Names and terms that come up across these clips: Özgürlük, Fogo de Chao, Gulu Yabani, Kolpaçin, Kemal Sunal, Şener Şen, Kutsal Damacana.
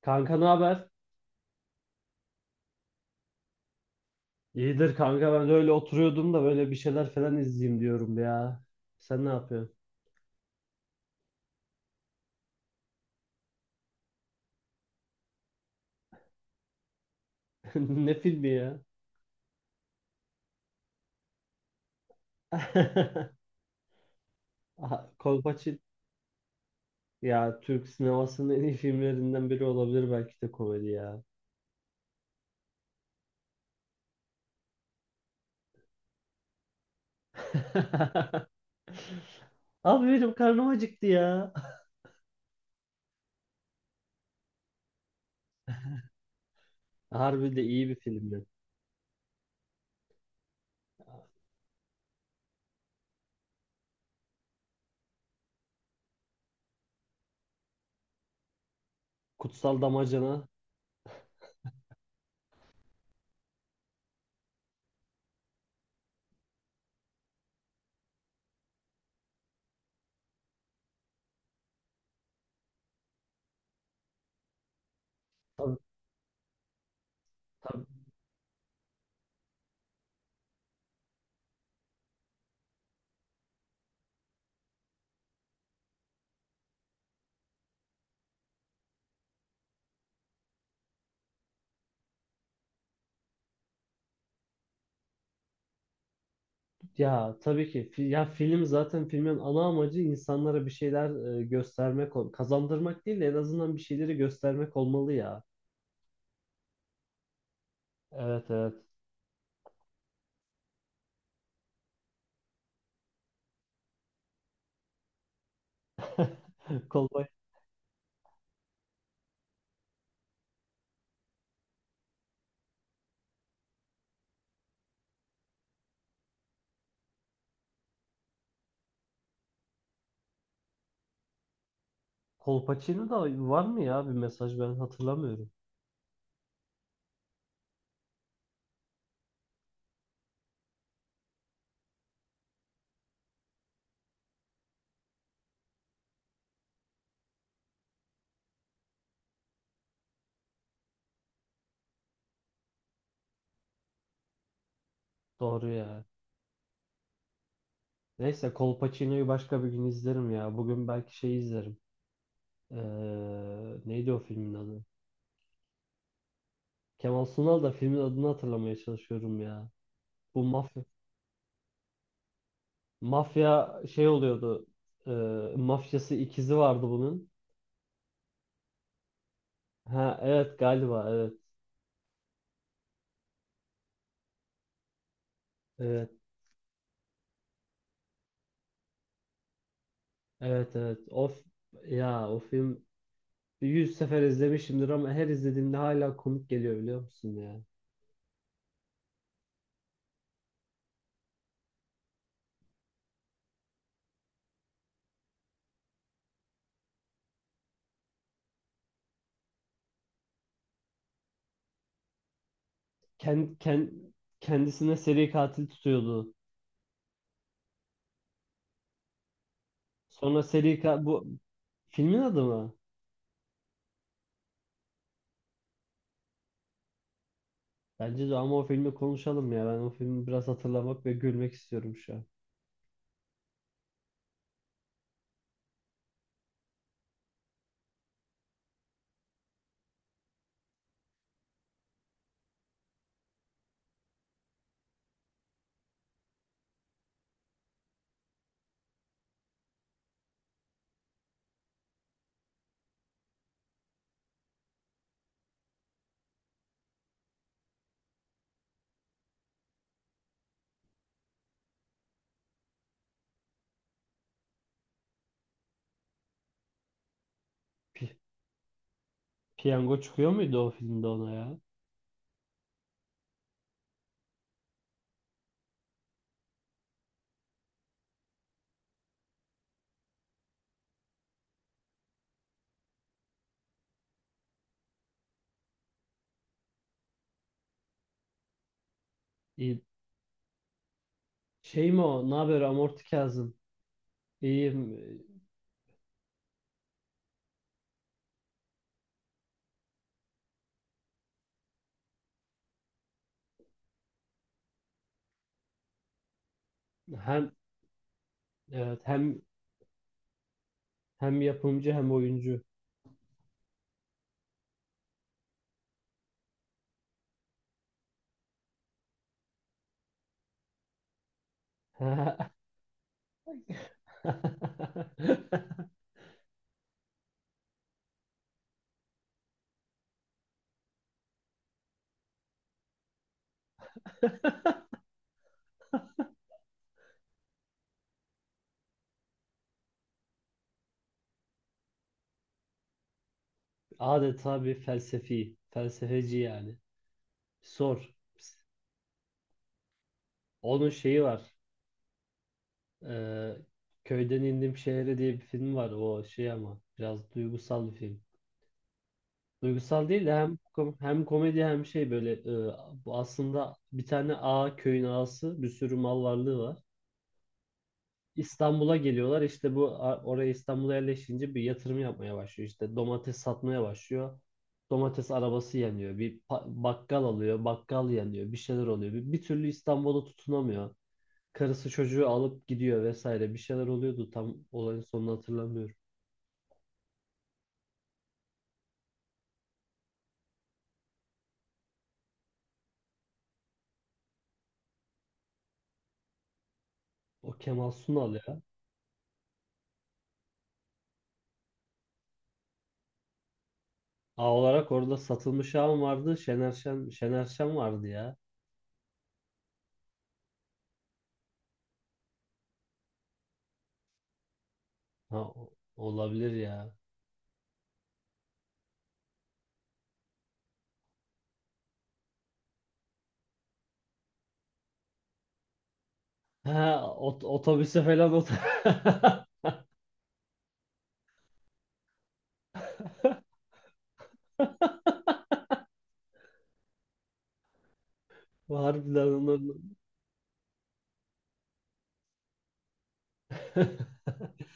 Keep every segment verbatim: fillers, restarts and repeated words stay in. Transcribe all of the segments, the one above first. Kanka ne haber? İyidir kanka, ben de öyle oturuyordum da böyle bir şeyler falan izleyeyim diyorum ya. Sen ne yapıyorsun? Ne filmi ya? Aha, Kolpaçin. Ya Türk sinemasının en iyi filmlerinden biri olabilir belki de, komedi ya. Abi benim karnım acıktı ya. Harbi de iyi bir filmdi. Kutsal Damacana. Tabii, tabii. Ya tabii ki Fi- ya film, zaten filmin ana amacı insanlara bir şeyler e, göstermek, ol- kazandırmak değil de en azından bir şeyleri göstermek olmalı ya. Evet, evet. Kolpa Kolpaçino da var mı ya bir mesaj, ben hatırlamıyorum. Doğru ya. Neyse, Kolpaçino'yu başka bir gün izlerim ya. Bugün belki şey izlerim. Ee, neydi o filmin adı? Kemal Sunal, da filmin adını hatırlamaya çalışıyorum ya. Bu mafya, mafya şey oluyordu. Ee, mafyası, ikizi vardı bunun. Ha evet, galiba evet. Evet. Evet, evet. Of ya, o film yüz sefer izlemişimdir ama her izlediğimde hala komik geliyor biliyor musun ya? Kend, kend, kendisine seri katil tutuyordu. Sonra seri katil, bu filmin adı mı? Bence de, ama o filmi konuşalım ya. Ben o filmi biraz hatırlamak ve gülmek istiyorum şu an. Pi- piyango çıkıyor muydu o filmde ona ya? İyi. Şey mi o? Ne haber Amorti Kazım? İyiyim. Hem evet, hem hem yapımcı hem oyuncu. Adeta bir felsefi, felsefeci yani. Sor. Onun şeyi var. Ee, Köyden indim şehre diye bir film var. O şey, ama biraz duygusal bir film. Duygusal değil de hem kom- hem komedi hem şey böyle e, bu aslında bir tane ağa, köyün ağası, bir sürü mal varlığı var. İstanbul'a geliyorlar. İşte bu a- oraya, İstanbul'a yerleşince bir yatırım yapmaya başlıyor. İşte domates satmaya başlıyor. Domates arabası yanıyor. Bir pa- bakkal alıyor. Bakkal yanıyor. Bir şeyler oluyor. Bir, bir türlü İstanbul'a tutunamıyor. Karısı çocuğu alıp gidiyor vesaire. Bir şeyler oluyordu. Tam olayın sonunu hatırlamıyorum. O Kemal Sunal ya. A olarak orada satılmış ağam vardı. Şener Şen, Şener Şen vardı ya. Ha, o- olabilir ya. Ha, ot- otobüse falan ot Harbiden onlar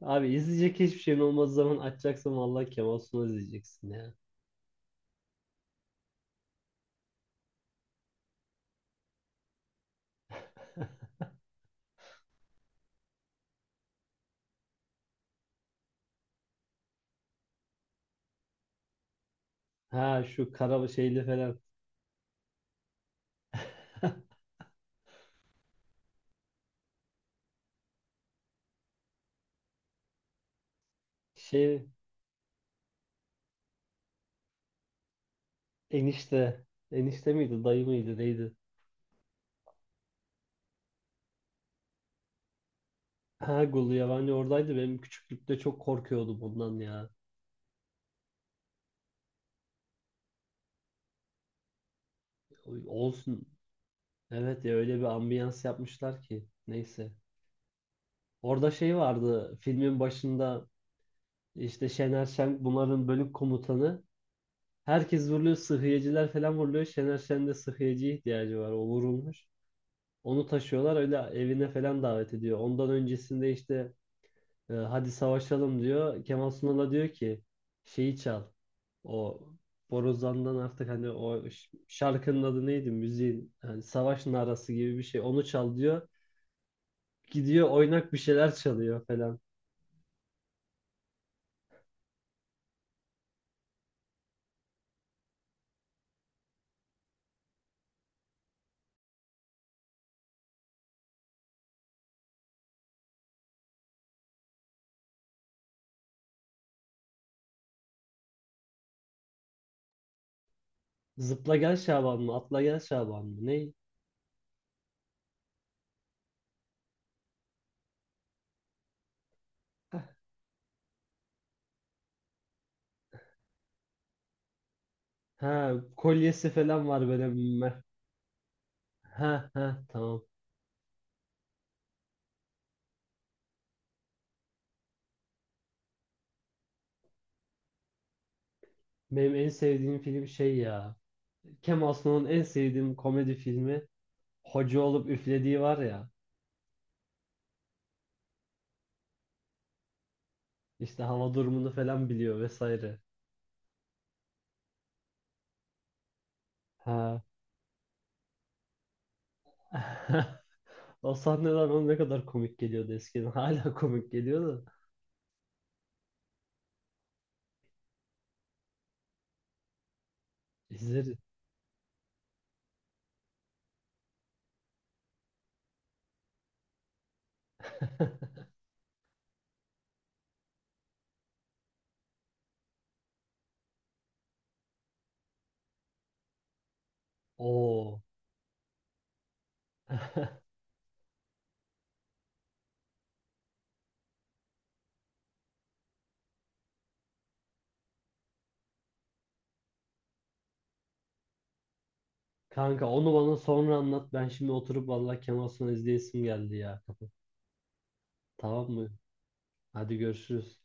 Abi izleyecek hiçbir şeyin olmadığı zaman açacaksın, vallahi Kemal Sunal izleyeceksin ya. Ha şu kara şeyli falan. Şey, enişte. Enişte miydi, dayı mıydı, neydi? Ha, Gulu Yabani oradaydı. Benim küçüklükte çok korkuyordum bundan ya. Olsun. Evet ya, öyle bir ambiyans yapmışlar ki. Neyse. Orada şey vardı filmin başında, işte Şener Şen bunların bölük komutanı. Herkes vuruluyor, sıhhiyeciler falan vuruluyor. Şener Şen'de sıhhiyeciye ihtiyacı var. O vurulmuş. Onu taşıyorlar, öyle evine falan davet ediyor. Ondan öncesinde işte e, hadi savaşalım diyor. Kemal Sunal'a diyor ki şeyi çal. O borazan'dan artık, hani o ş- şarkının adı neydi? Müziğin, hani savaş narası gibi bir şey. Onu çal diyor. Gidiyor, oynak bir şeyler çalıyor falan. Zıpla Gel Şaban mı? Atla Gel Şaban mı? Ne? Ha, kolyesi falan var böyle. Meh. Ha ha, tamam. Benim en sevdiğim film şey ya. Kemal Sunal'ın en sevdiğim komedi filmi, hoca olup üflediği var ya. İşte hava durumunu falan biliyor vesaire. Ha. O sahneler bana ne kadar komik geliyordu eskiden. Hala komik geliyordu da. İzleriz. Oo. Kanka, onu bana sonra anlat. Ben şimdi oturup vallahi Kemal Sunal izleyesim geldi ya. Tamam mı? Hadi görüşürüz.